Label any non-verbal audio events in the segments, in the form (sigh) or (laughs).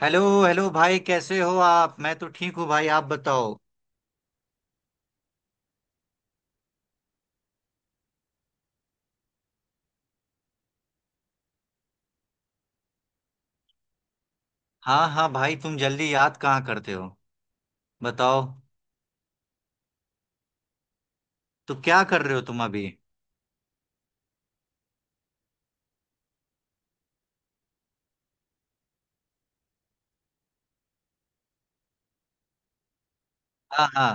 Hello hello भाई, कैसे हो आप। मैं तो ठीक हूँ भाई, आप बताओ। हाँ हाँ भाई, तुम जल्दी याद कहाँ करते हो। बताओ, तो क्या कर रहे हो तुम अभी। हाँ हाँ।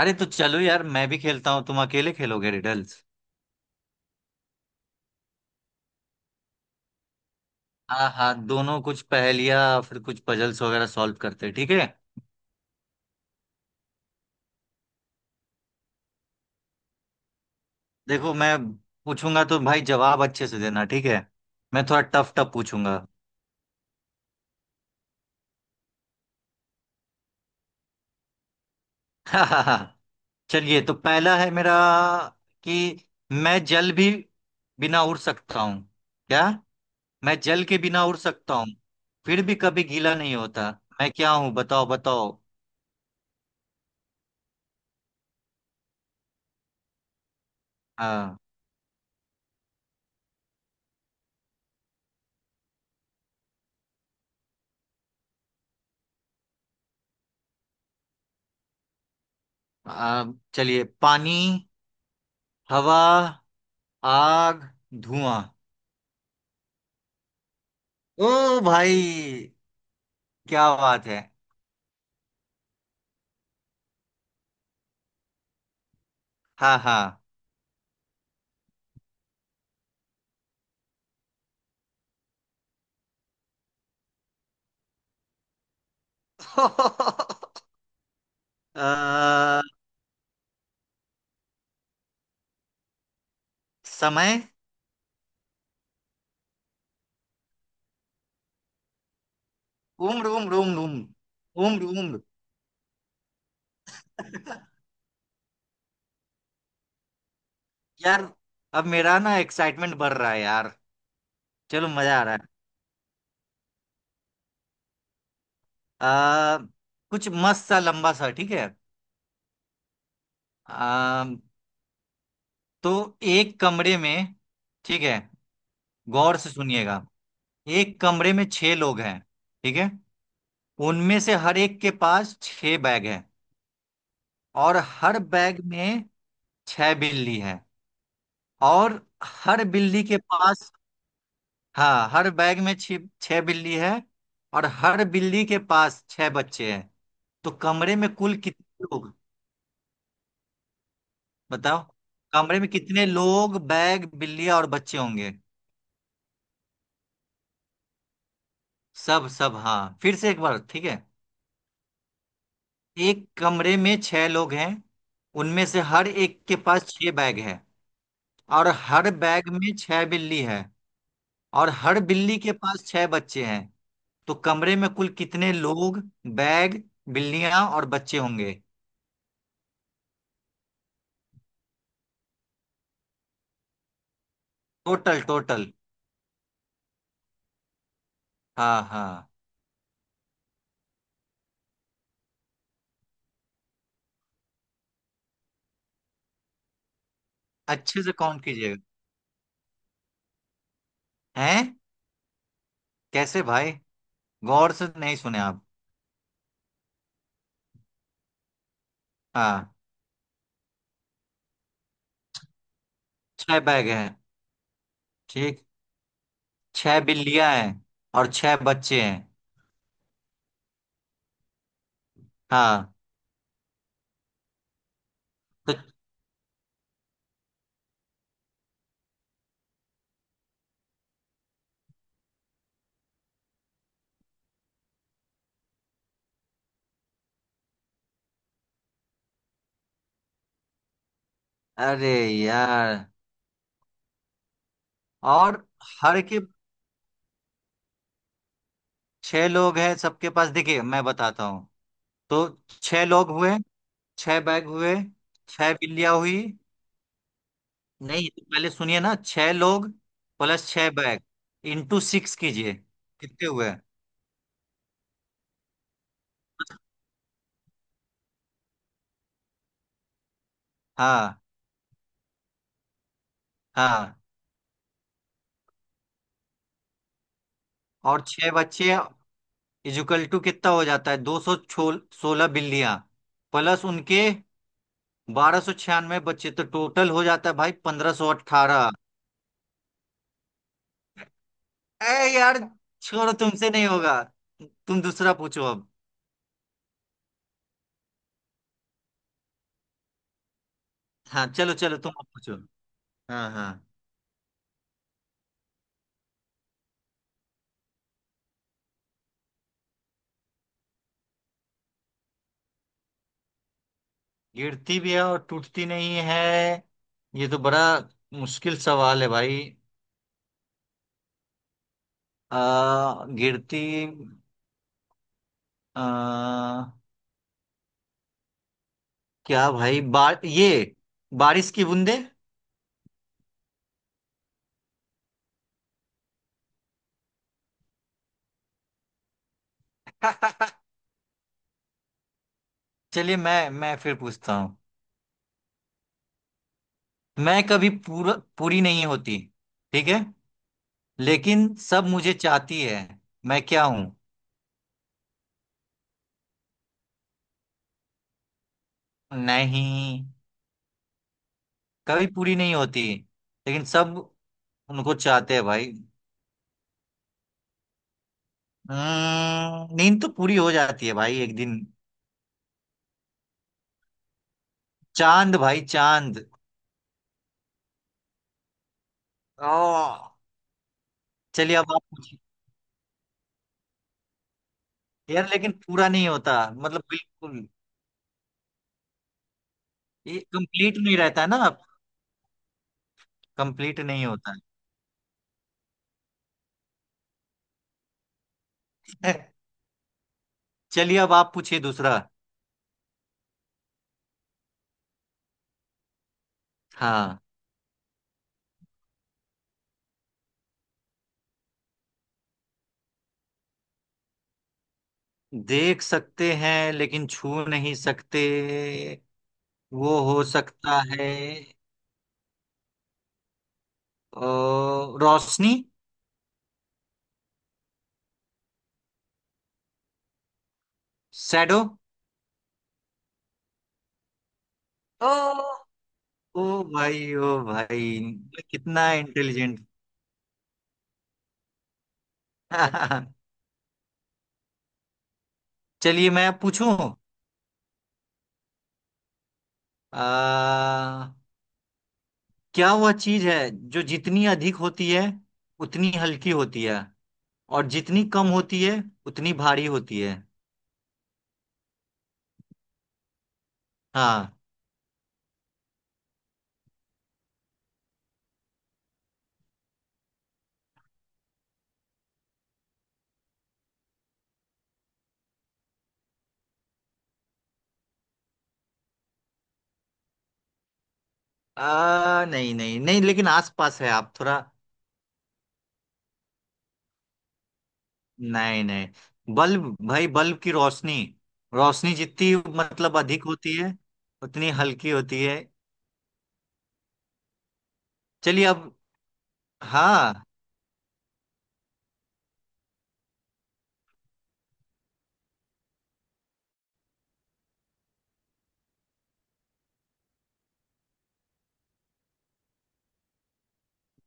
अरे तो चलो यार, मैं भी खेलता हूँ, तुम अकेले खेलोगे रिडल्स। हाँ हाँ, दोनों कुछ पहेलियाँ फिर कुछ पजल्स वगैरह सॉल्व करते हैं, ठीक है। देखो, मैं पूछूंगा तो भाई जवाब अच्छे से देना, ठीक है। मैं थोड़ा टफ टफ पूछूंगा। (laughs) हाँ हाँ हाँ। चलिए, तो पहला है मेरा कि मैं जल भी बिना उड़ सकता हूँ। क्या? मैं जल के बिना उड़ सकता हूँ फिर भी कभी गीला नहीं होता। मैं क्या हूँ, बताओ बताओ। हाँ। आ, चलिए। पानी। हवा। आग। धुआं। ओ भाई, क्या बात है। हाँ हाँ। (laughs) आ, समय। उम्र उम्र उम्र उम्र उम्र उम्र यार, अब मेरा ना एक्साइटमेंट बढ़ रहा है यार। चलो मजा आ रहा है। आ, कुछ मस्त सा लंबा सा, ठीक है। आ, तो एक कमरे में, ठीक है, गौर से सुनिएगा। एक कमरे में छह लोग हैं, ठीक है। उनमें से हर एक के पास छह बैग है। और हर बैग में छह बिल्ली है। और हर बिल्ली के पास, हाँ, हर बैग में छह छह बिल्ली है। और हर बिल्ली के पास छह बच्चे हैं। तो कमरे में कुल कितने लोग, बताओ, कमरे में कितने लोग, बैग, बिल्ली और बच्चे होंगे। सब सब, हाँ, फिर से एक बार, ठीक है। एक कमरे में छह लोग हैं। उनमें से हर एक के पास छह बैग है। और हर बैग में छह बिल्ली है। और हर बिल्ली के पास छह बच्चे हैं। तो कमरे में कुल कितने लोग, बैग, बिल्लियां और बच्चे होंगे। Total total. हाँ हाँ। अच्छे से काउंट कीजिएगा। हैं? कैसे भाई, गौर से नहीं सुने आप। हाँ, छह बैग हैं, ठीक। छह बिल्लियां हैं और छह बच्चे हैं। हाँ। तो अरे यार, और हर के छह लोग हैं सबके पास, देखिए मैं बताता हूँ। तो छह लोग हुए, छह बैग हुए, छह बिल्लियाँ हुई। नहीं, तो पहले सुनिए ना। छह लोग प्लस छह बैग इंटू सिक्स कीजिए, कितने हुए। हाँ हाँ। और छह बच्चे इजुकल टू कितना हो जाता है, दो सौ सोलह बिल्लियाँ प्लस उनके बारह सौ छियानवे बच्चे। तो टोटल हो जाता है भाई पंद्रह सौ अट्ठारह। ए यार, छोड़ो, तुमसे नहीं होगा। तुम दूसरा पूछो अब। हाँ, चलो चलो, तुम अब पूछो। हाँ हाँ। गिरती भी है और टूटती नहीं है, ये तो बड़ा मुश्किल सवाल है भाई। गिरती, आ, क्या भाई बार ये, बारिश की बूंदे। (laughs) चलिए, मैं फिर पूछता हूँ। मैं कभी पूरा पूरी नहीं होती, ठीक है, लेकिन सब मुझे चाहती है। मैं क्या हूँ? नहीं, कभी पूरी नहीं होती, लेकिन सब उनको चाहते हैं भाई। नींद तो पूरी हो जाती है भाई एक दिन। चांद भाई, चांद। ओ। चलिए अब आप पूछिए। यार लेकिन पूरा नहीं होता, मतलब बिल्कुल ये कंप्लीट नहीं रहता ना आप। कंप्लीट नहीं होता। (laughs) चलिए अब आप पूछिए दूसरा। हाँ, देख सकते हैं लेकिन छू नहीं सकते। वो हो सकता है, अ, रोशनी, शैडो। ओ ओ भाई, ओ भाई, मैं कितना इंटेलिजेंट। (laughs) चलिए मैं पूछूं। आ, क्या वह चीज है जो जितनी अधिक होती है उतनी हल्की होती है, और जितनी कम होती है उतनी भारी होती है। हाँ। नहीं नहीं नहीं, लेकिन आसपास है आप थोड़ा। नहीं नहीं, बल्ब भाई, बल्ब की रोशनी। रोशनी जितनी मतलब अधिक होती है उतनी हल्की होती है। चलिए अब, हाँ,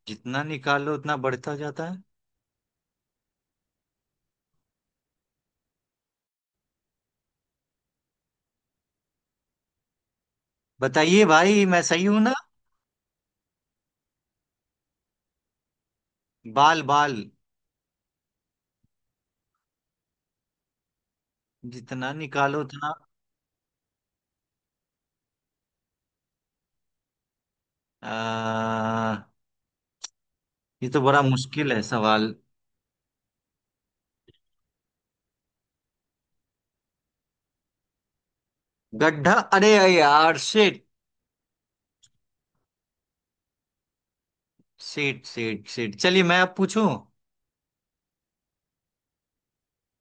जितना निकालो उतना बढ़ता जाता है, बताइए भाई मैं सही हूं ना। बाल बाल, जितना निकालो था। आ, ये तो बड़ा मुश्किल है सवाल। गड्ढा? अरे यार शिट, शिट। चलिए मैं अब पूछूं।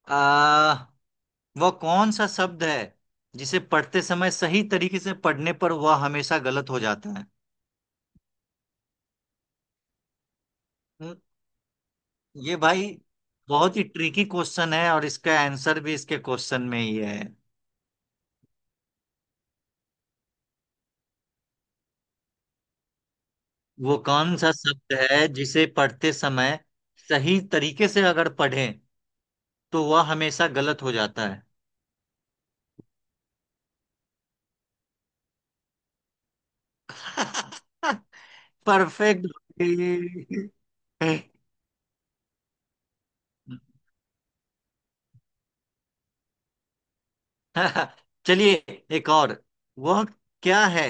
आ, वह कौन सा शब्द है जिसे पढ़ते समय सही तरीके से पढ़ने पर वह हमेशा गलत हो जाता है। हम्म, ये भाई बहुत ही ट्रिकी क्वेश्चन है, और इसका आंसर भी इसके क्वेश्चन में ही है। वो कौन सा शब्द है जिसे पढ़ते समय सही तरीके से अगर पढ़ें तो वह हमेशा गलत हो जाता है। (laughs) परफेक्ट। चलिए एक और। वह क्या है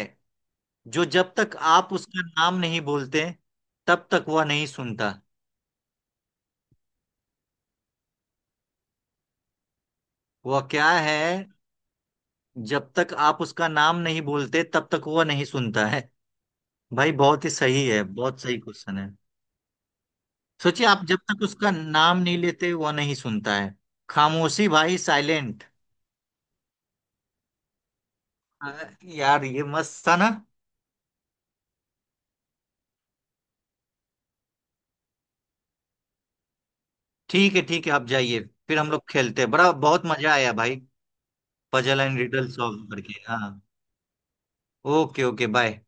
जो जब तक आप उसका नाम नहीं बोलते तब तक वह नहीं सुनता। वह क्या है? जब तक आप उसका नाम नहीं बोलते तब तक वह नहीं सुनता है। भाई बहुत ही सही है, बहुत सही क्वेश्चन है। सोचिए आप, जब तक उसका नाम नहीं लेते वह नहीं सुनता है। खामोशी भाई, साइलेंट। यार ये मस्त था ना। ठीक है ठीक है, आप जाइए। फिर हम लोग खेलते हैं, बड़ा बहुत मजा आया भाई। पजल एंड रिडल सॉल्व करके, हाँ। Okay okay, bye.